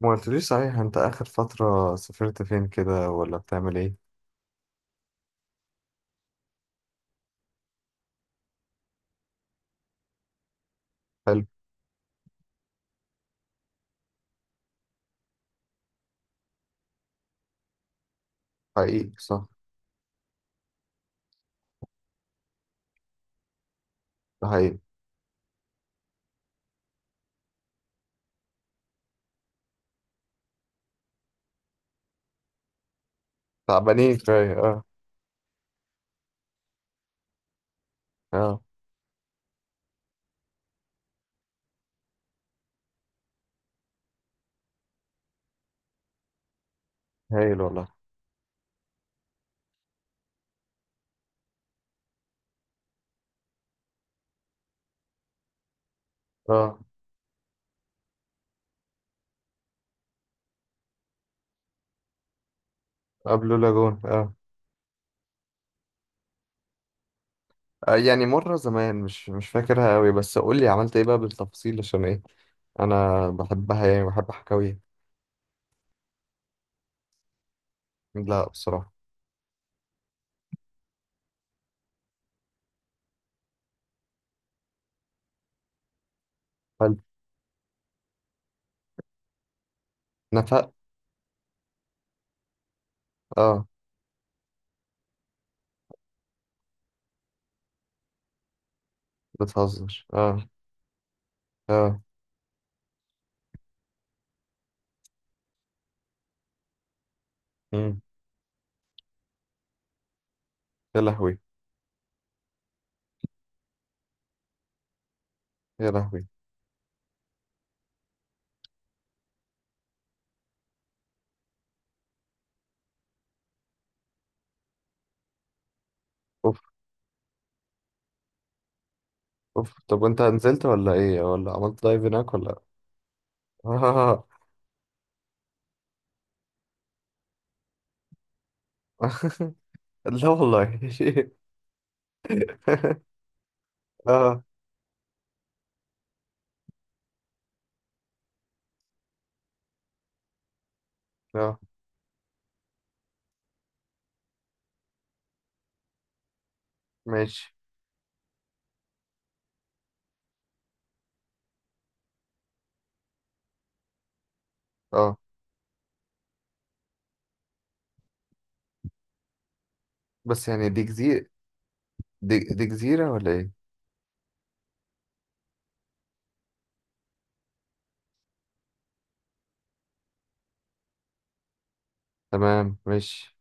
ما قلتليش صحيح؟ انت اخر فترة سافرت فين كده ولا بتعمل ايه؟ حلو. حقيقي صح. ده حقيقي. تعبانين شوية، اه. اه. هايل والله. اه. قبل لاجون، اه. يعني مرة زمان، مش فاكرها قوي، بس قول لي عملت ايه بقى بالتفصيل، عشان ايه، انا بحبها، يعني بحب حكاوي. لا بصراحة. حلو. نفق. اه. بتهزر، اه. اه. مم. يا لهوي. يا لهوي. اوف. اوف. طب وانت نزلت ولا ايه ولا عملت دايف هناك ولا؟ آه. لا والله. اه. اه. ماشي. اه، بس يعني دي جزيرة؟ دي جزيرة ولا ايه؟ تمام ماشي.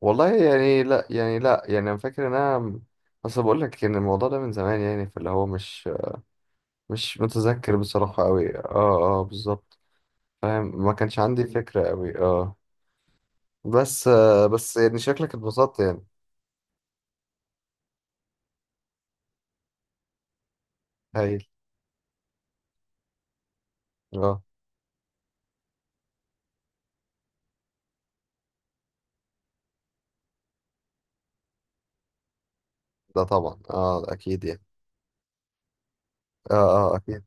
والله يعني لا يعني لا يعني انا فاكر ان انا اصل بقول لك ان الموضوع ده من زمان، يعني فاللي هو مش مش متذكر بصراحة قوي، اه. اه بالظبط. فاهم ما كانش عندي فكرة قوي، اه. بس آه بس يعني شكلك اتبسطت يعني. هايل. اه. ده طبعا، اه اكيد يعني. اه. اه اكيد.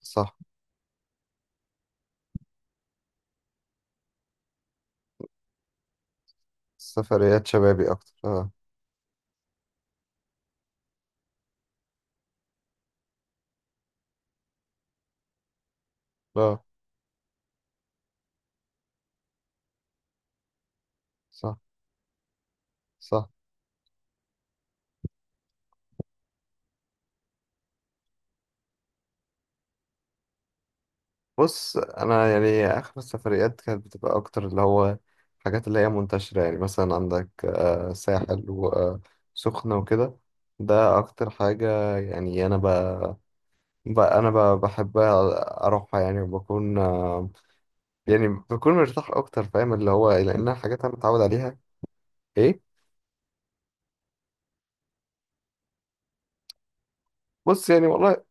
صح. سفريات شبابي اكتر، اه. اه. صح. صح. بص انا يعني اخر السفريات كانت بتبقى اكتر اللي هو الحاجات اللي هي منتشرة، يعني مثلا عندك ساحل وسخنة وكده. ده اكتر حاجة، يعني انا ب... ب... انا ب... بحب اروحها، يعني وبكون يعني بكون مرتاح اكتر، فاهم اللي هو لانها حاجات انا متعود عليها. ايه. بص يعني والله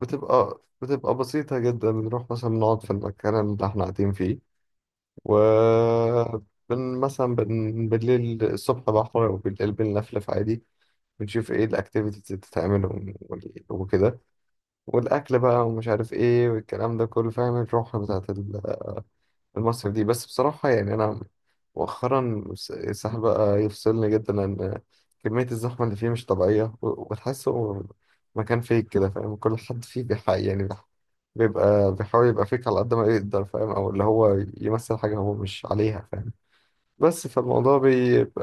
بتبقى بسيطة جدا، بنروح مثلا نقعد في المكان اللي احنا قاعدين فيه، وبن مثلا بن بالليل الصبح بحر وبالليل بنلفلف عادي. بنشوف ايه الاكتيفيتيز اللي بتتعمل، وال- وكده، والاكل بقى ومش عارف ايه والكلام ده كله، فاهم الروح بتاعت ال- المصيف دي. بس بصراحة يعني انا مؤخرا الس- الساحل بقى يفصلني جدا، لان كمية الزحمة اللي فيه مش طبيعية، و- وتحسه مكان فيك كده، فاهم كل حد فيه بيحقق يعني بيح- بيبقى بيحاول يبقى فيك على قد ما يقدر، فاهم او اللي هو يمثل حاجة هو مش عليها، فاهم. بس فالموضوع بيبقى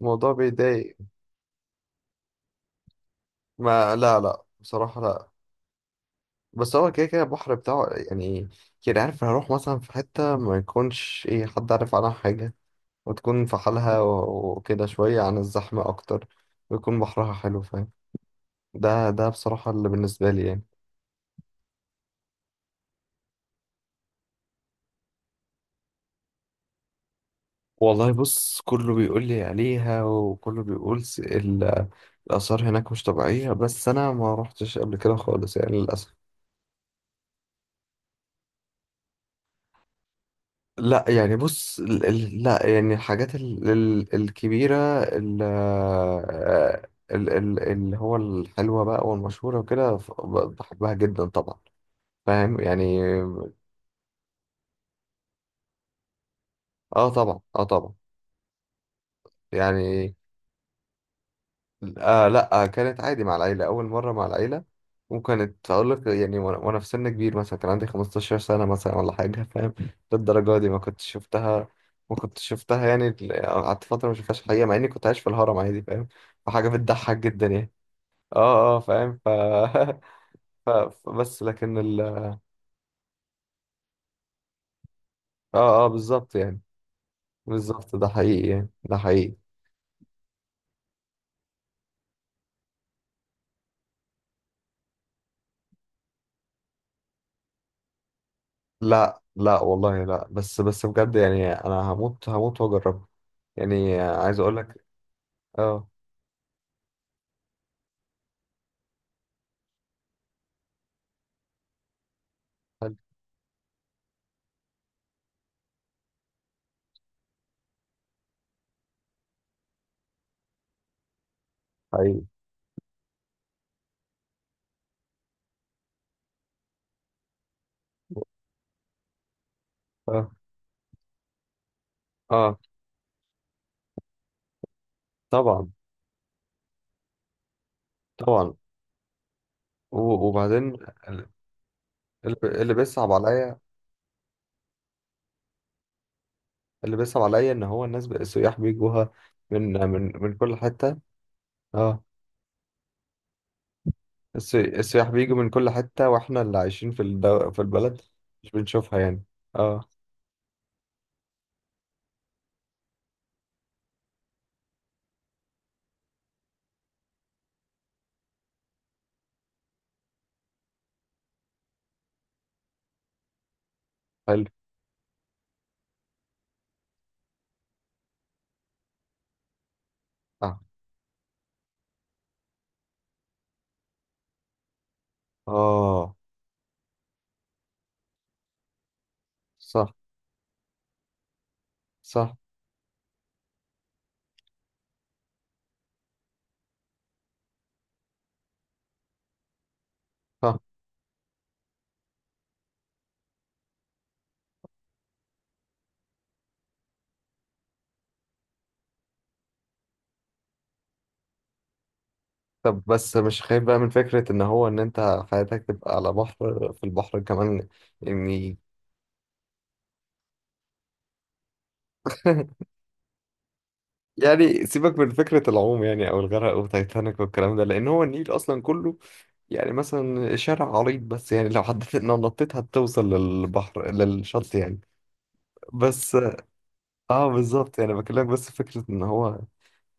الموضوع بيضايق. ما لا لا بصراحة، لا. بس هو كده كده البحر بتاعه يعني. يعني عارف هروح مثلا في حتة ما يكونش ايه حد عارف عنها حاجة، وتكون في حالها، و- وكده شوية عن الزحمة أكتر، ويكون بحرها حلو، فاهم. ده بصراحة اللي بالنسبة لي يعني. والله بص كله بيقول لي عليها وكله بيقول س- ال- الآثار هناك مش طبيعية، بس أنا ما روحتش قبل كده خالص يعني للأسف. لا يعني بص ال- ال- لا يعني الحاجات ال- ال- الكبيرة، ال- ال- ال- اللي هو الحلوة بقى والمشهورة وكده، ف- ب- بحبها جدا طبعا، فاهم يعني. اه طبعا، اه طبعا. يعني لا، كانت عادي مع العيلة، أول مرة مع العيلة، وكانت أقول لك يعني وأنا في سن كبير، مثلا كان عندي 15 سنة مثلا ولا حاجة، فاهم للدرجة دي ما كنتش شفتها. ما كنتش شفتها، يعني ال- قعدت فترة ما شفتهاش حقيقة، مع إني كنت عايش في الهرم عادي، فاهم فحاجة بتضحك جدا يعني. اه اه فاهم ف... ف... بس لكن ال اه. اه بالظبط يعني. بالظبط ده حقيقي يعني، ده حقيقي. لا لا والله لا، بس بجد يعني أنا هموت هموت وأجربه، يعني عايز أقول لك. اه. ايوه. اه. اه طبعا طبعا. و- وبعدين اللي اللي بيصعب عليا، اللي بيصعب عليا ان هو الناس بقى- السياح بيجوها من كل حته. اه. السي- السياح بيجوا من كل حته، واحنا اللي عايشين في الدو... في البلد مش بنشوفها يعني. اه. حلو. اه. اه. صح. صح. صح. طب بس مش خايف بقى من فكره ان هو ان انت حياتك تبقى على بحر في البحر كمان؟ يعني. يعني سيبك من فكرة العوم يعني أو الغرق وتايتانيك والكلام ده، لأن هو النيل أصلا كله يعني مثلا شارع عريض، بس يعني لو حددت إن نطيت هتوصل للبحر للشط يعني. بس اه بالظبط يعني بكلمك، بس فكرة إن هو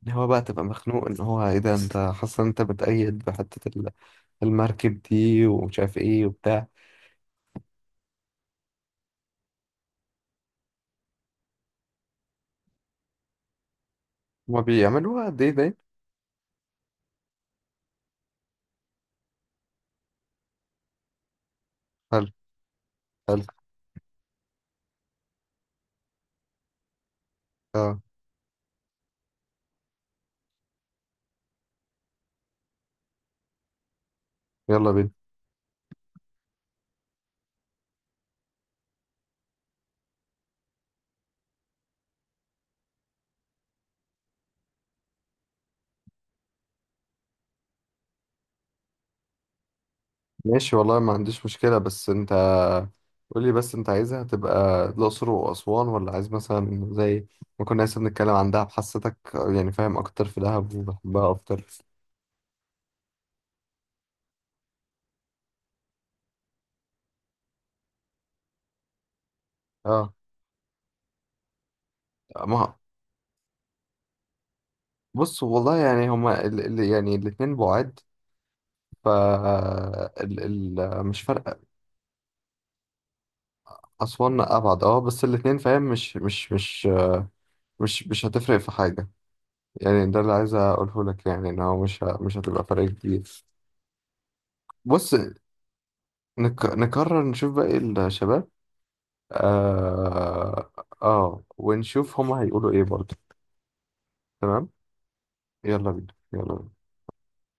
إن هو بقى تبقى مخنوق، إن هو إيه ده، أنت حاسس إن أنت بتأيد بحتة ال- المركب دي، ومش عارف إيه وبتاع. هما بيعملوها قد إيه ده؟ حلو. حلو. اه. يلا بينا. ماشي والله ما عنديش مشكلة، بس انت قولي بس انت عايزها تبقى الأقصر وأسوان، ولا عايز مثلا زي ما كنا لسه بنتكلم عن دهب، حسيتك يعني فاهم أكتر في دهب وبحبها أكتر. اه. ما بص والله يعني هما ال يعني الاتنين بعاد، ف ال ال مش فارقة. أسوان أبعد، اه، بس الاتنين فاهم مش هتفرق في حاجة، يعني ده اللي عايز أقوله لك، يعني إن هو مش ه- مش هتبقى فرق كبير. بص نك نكرر نشوف باقي الشباب. اه, آه. ونشوف هما هيقولوا ايه برضه. تمام. يلا بينا يلا بينا.